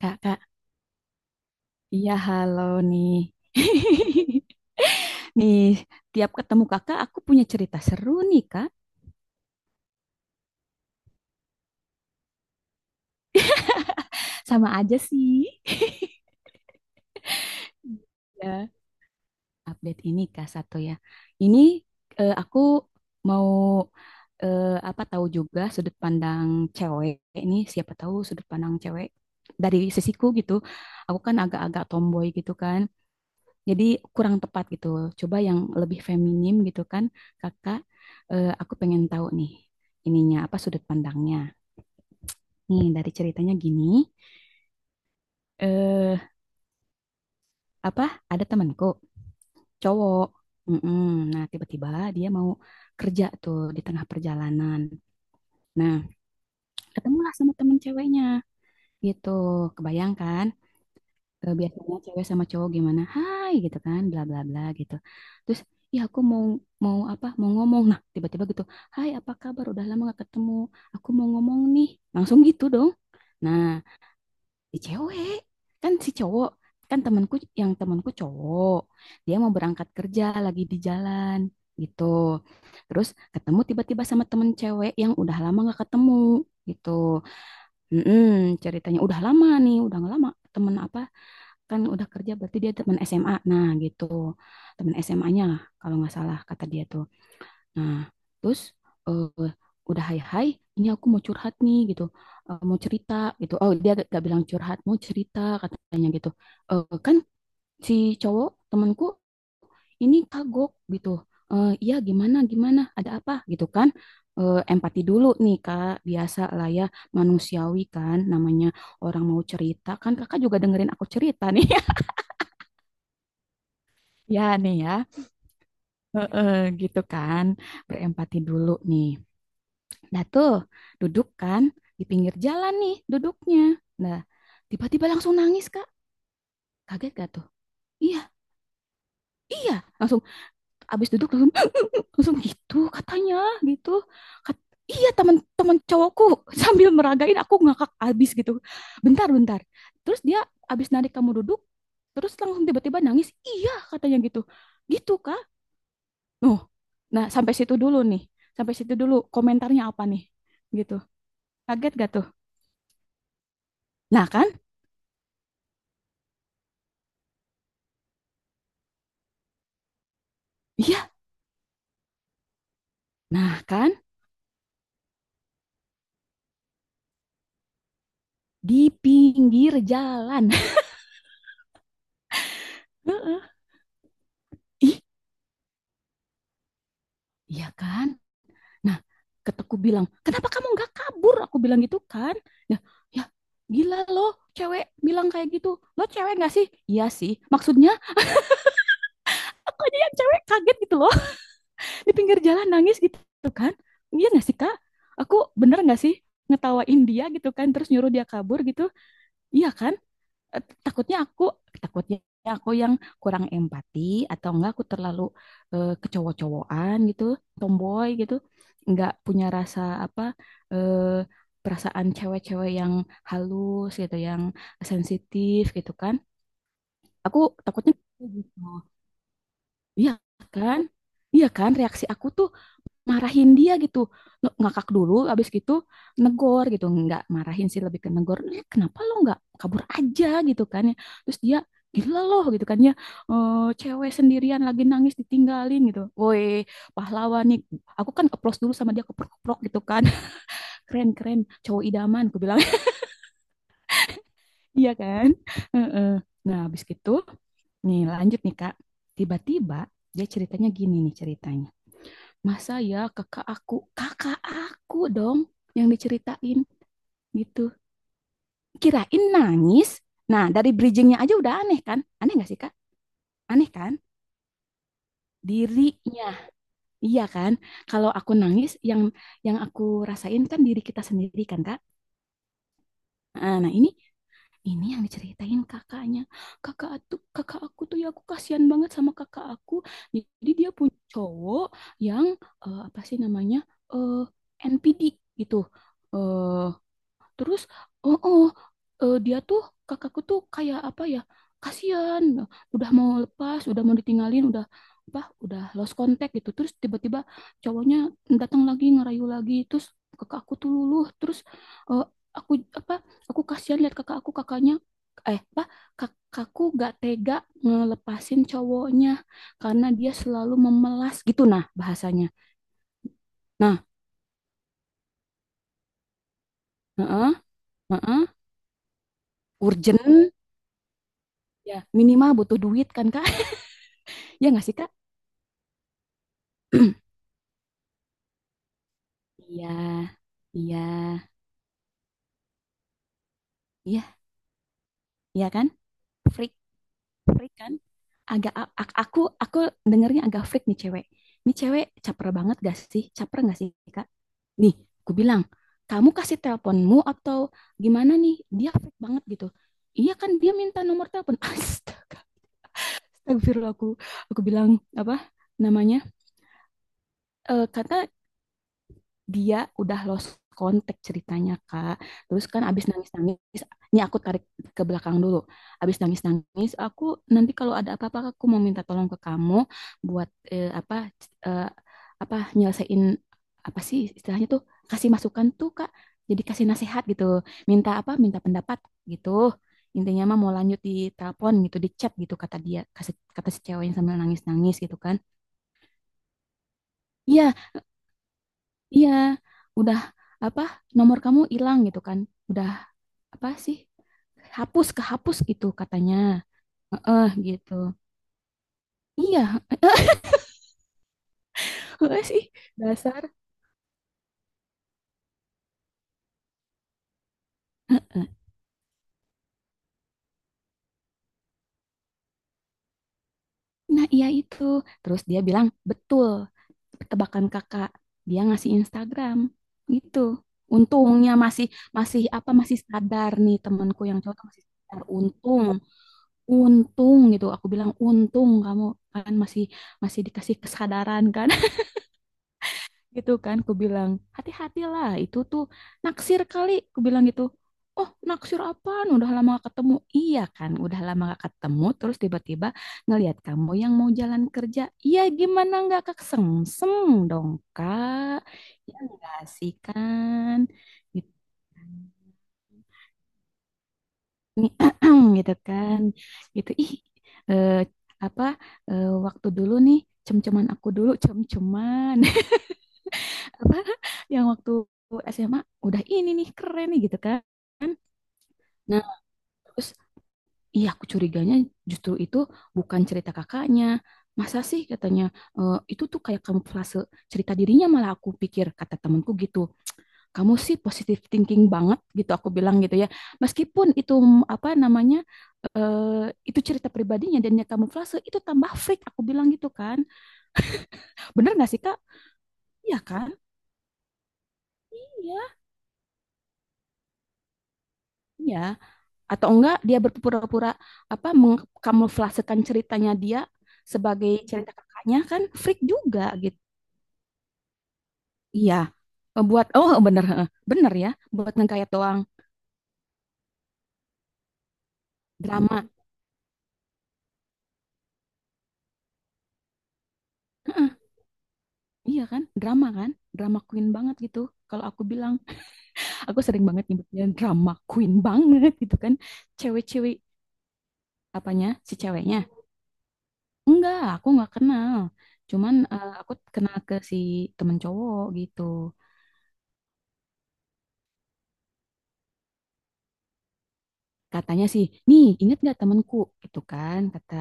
Kak, kak, iya halo nih. Nih, tiap ketemu kakak aku punya cerita seru nih kak. Sama aja sih. Ya, update ini kak satu ya. Ini aku mau eh, apa tahu juga sudut pandang cewek. Ini siapa tahu sudut pandang cewek dari sisiku gitu. Aku kan agak-agak tomboy gitu kan. Jadi kurang tepat gitu. Coba yang lebih feminim gitu kan, kakak. Aku pengen tahu nih ininya apa sudut pandangnya. Nih dari ceritanya gini, eh apa ada temanku cowok. Mm-mm. Nah tiba-tiba dia mau kerja tuh di tengah perjalanan. Nah ketemulah sama temen ceweknya gitu. Kebayangkan biasanya cewek sama cowok gimana hai gitu kan bla bla bla gitu terus ya aku mau mau apa mau ngomong nah tiba-tiba gitu hai apa kabar udah lama gak ketemu aku mau ngomong nih langsung gitu dong nah si cewek kan si cowok kan temanku yang temanku cowok dia mau berangkat kerja lagi di jalan gitu terus ketemu tiba-tiba sama temen cewek yang udah lama gak ketemu gitu. Mm-mm, ceritanya udah lama nih udah lama temen apa kan udah kerja berarti dia teman SMA nah gitu teman SMA-nya lah kalau nggak salah kata dia tuh nah terus eh, udah hai hai ini aku mau curhat nih gitu. Eh, mau cerita gitu oh dia gak bilang curhat mau cerita katanya gitu. Eh, kan si cowok temanku ini kagok gitu. Eh, iya gimana gimana ada apa gitu kan. Eh, empati dulu nih kak biasa lah ya manusiawi kan namanya orang mau cerita kan kakak juga dengerin aku cerita nih. Ya nih ya. Heeh, gitu kan, berempati dulu nih. Nah tuh, duduk kan di pinggir jalan nih duduknya. Nah, tiba-tiba langsung nangis, Kak. Kaget gak tuh? Iya, iya. Langsung abis duduk langsung langsung gitu katanya gitu. Kat- iya teman-teman cowokku sambil meragain aku ngakak abis gitu. Bentar, bentar. Terus dia abis narik kamu duduk, terus langsung tiba-tiba nangis. Iya katanya gitu. Gitu, Kak. Oh, nah sampai situ dulu nih, sampai situ dulu komentarnya apa nih, gitu. Kaget gak tuh? Nah kan, iya, nah kan di pinggir jalan. Ih, iya kan? Nah, keteku bilang, kenapa kamu nggak kabur? Aku bilang gitu kan. Ya, ya gila loh, cewek bilang kayak gitu. Lo cewek nggak sih? Iya sih. Maksudnya, aku aja yang cewek kaget gitu loh. Di pinggir jalan nangis gitu kan. Iya nggak sih, Kak? Aku bener nggak sih? Ngetawain dia gitu kan terus nyuruh dia kabur gitu. Iya kan? Eh, takutnya aku, takutnya aku kurang empati atau enggak aku terlalu kecowok-cowokan gitu, tomboy gitu, enggak punya rasa apa eh, perasaan cewek-cewek yang halus gitu, yang sensitif gitu kan. Aku takutnya gitu. Iya kan? Iya kan? Reaksi aku tuh marahin dia gitu. Ngakak dulu abis gitu negor gitu nggak marahin sih lebih ke negor. "Eh, kenapa lo nggak kabur aja gitu kan ya terus dia gila loh gitu kan ya. Eh, cewek sendirian lagi nangis ditinggalin gitu woi pahlawan nih aku kan keplos dulu sama dia keprok-keprok gitu kan keren keren cowok idaman aku bilang. Iya kan. Heeh. Nah abis gitu nih lanjut nih kak tiba-tiba dia ceritanya gini nih ceritanya masa ya kakak aku dong yang diceritain gitu kirain nangis nah dari bridgingnya aja udah aneh kan aneh nggak sih kak aneh kan dirinya iya kan kalau aku nangis yang aku rasain kan diri kita sendiri kan kak. Ah, nah ini yang diceritain kakaknya kakak tuh kakak aku tuh ya aku kasihan banget sama kakak aku jadi dia punya cowok yang apa sih namanya eh NPD gitu eh terus, oh, oh dia tuh kakakku tuh kayak apa ya? Kasihan, udah mau lepas, udah mau ditinggalin, udah apa? Udah lost contact gitu. Terus tiba-tiba cowoknya datang lagi ngerayu lagi. Terus kakakku tuh luluh. Terus eh, aku apa? Aku kasihan lihat kakak aku kakaknya apa kakakku gak tega ngelepasin cowoknya karena dia selalu memelas gitu nah bahasanya. Nah, heeh, heeh, urgent ya minimal butuh duit kan Kak? Ya nggak sih Kak? Iya, iya, iya, iya kan? Freak, freak kan? Agak aku dengernya agak freak nih cewek. Nih cewek caper banget gak sih? Caper gak sih, Kak? Nih, aku bilang, kamu kasih teleponmu atau gimana nih? Dia freak banget gitu. Iya kan dia minta nomor telepon. Astaga, astagfirullah aku. Aku bilang apa namanya? Eh kata dia udah lost kontak ceritanya Kak. Terus kan abis nangis-nangis, ini aku tarik ke belakang dulu. Abis nangis-nangis, aku nanti kalau ada apa-apa aku mau minta tolong ke kamu buat eh, apa nyelesain apa sih istilahnya tuh kasih masukan tuh Kak. Jadi kasih nasihat gitu, minta apa? Minta pendapat gitu. Intinya mah mau lanjut di telepon gitu, di chat gitu kata dia, kata si cewek yang sambil nangis-nangis gitu kan. Iya, iya, udah apa nomor kamu hilang gitu kan. Udah apa sih? Hapus kehapus gitu katanya. Heeh, gitu. Iya, heeh sih dasar. Heeh. Nah, iya itu. Terus dia bilang, "Betul. Tebakan Kakak." Dia ngasih Instagram gitu. Untungnya masih masih apa masih sadar nih temanku yang cowok tuh masih sadar. Untung, untung gitu. Aku bilang, "Untung kamu kan masih masih dikasih kesadaran kan." Gitu kan ku bilang hati-hatilah itu tuh naksir kali ku bilang gitu oh naksir apaan udah lama gak ketemu iya kan udah lama gak ketemu terus tiba-tiba ngelihat kamu yang mau jalan kerja iya gimana nggak kesengsem dong kak ya enggak sih kan gitu kan. Nih gitu kan gitu ih eh, apa waktu dulu nih cem-ceman aku dulu cem-ceman apa yang waktu SMA udah ini nih keren nih gitu kan. Nah, terus iya aku curiganya justru itu bukan cerita kakaknya. Masa sih katanya "Eh, itu tuh kayak kamuflase cerita dirinya malah aku pikir kata temanku gitu. Kamu sih positive thinking banget gitu aku bilang gitu ya. Meskipun itu apa namanya itu cerita pribadinya dan dia kamuflase itu tambah freak aku bilang gitu kan. Bener gak sih Kak? Iya kan? Iya, iya. Atau enggak dia berpura-pura apa mengkamuflasekan ceritanya dia sebagai cerita kakaknya kan freak juga gitu. Iya, eh, buat bener heeh. Bener ya buat ngegayat doang drama. Heeh, iya kan, drama queen banget gitu. Kalau aku bilang, aku sering banget nyebutnya drama queen banget gitu kan. Cewek-cewek apanya si ceweknya? Enggak, aku nggak kenal. Cuman aku kenal ke si temen cowok gitu. Katanya sih, nih inget gak temanku gitu kan, kata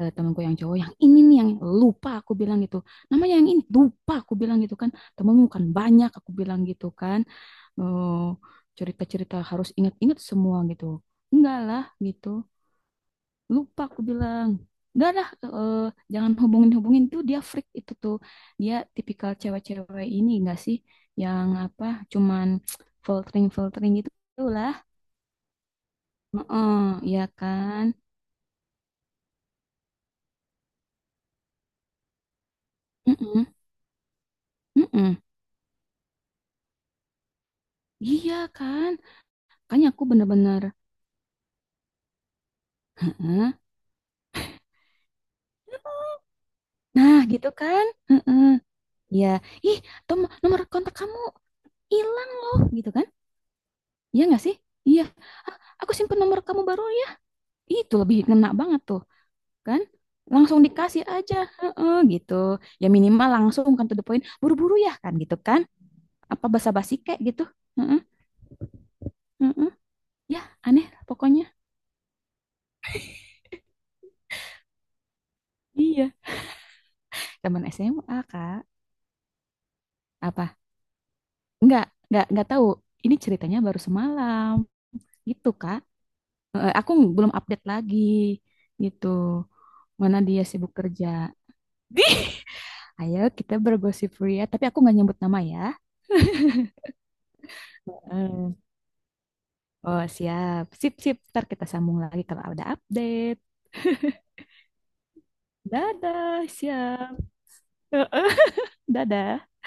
temanku yang cowok yang ini nih yang lupa aku bilang gitu, namanya yang ini lupa aku bilang gitu kan, temenmu kan banyak aku bilang gitu kan, eh, cerita-cerita harus inget-inget semua gitu, enggak lah gitu, lupa aku bilang, enggak lah, jangan hubungin-hubungin tuh dia freak itu tuh, dia tipikal cewek-cewek ini enggak sih, yang apa, cuman filtering-filtering gitu lah. Heeh, iya kan? Mhm, mhm. Iya kan? Makanya aku bener-bener. Heeh. Nah, gitu kan? Heeh. Iya. Ih, tom nomor kontak kamu hilang loh, gitu kan? Iya nggak sih? Iya. "Ah, aku simpen nomor kamu baru ya. Itu lebih ngena banget tuh, kan? Langsung dikasih aja, heeh, gitu. Ya minimal langsung kan to the point, buru-buru ya kan gitu kan? Apa basa-basi kayak gitu? Heeh, heeh. Ya, aneh lah pokoknya. Iya, zaman SMA, Kak. Apa? Nggak, nggak tahu. Ini ceritanya baru semalam, gitu Kak. Eh, aku belum update lagi, gitu. Mana dia sibuk kerja. Ayo kita bergosip Ria, tapi aku nggak nyebut nama ya. Eh, oh siap, sip sip. Ntar kita sambung lagi kalau ada update. Dadah, siap. Dadah.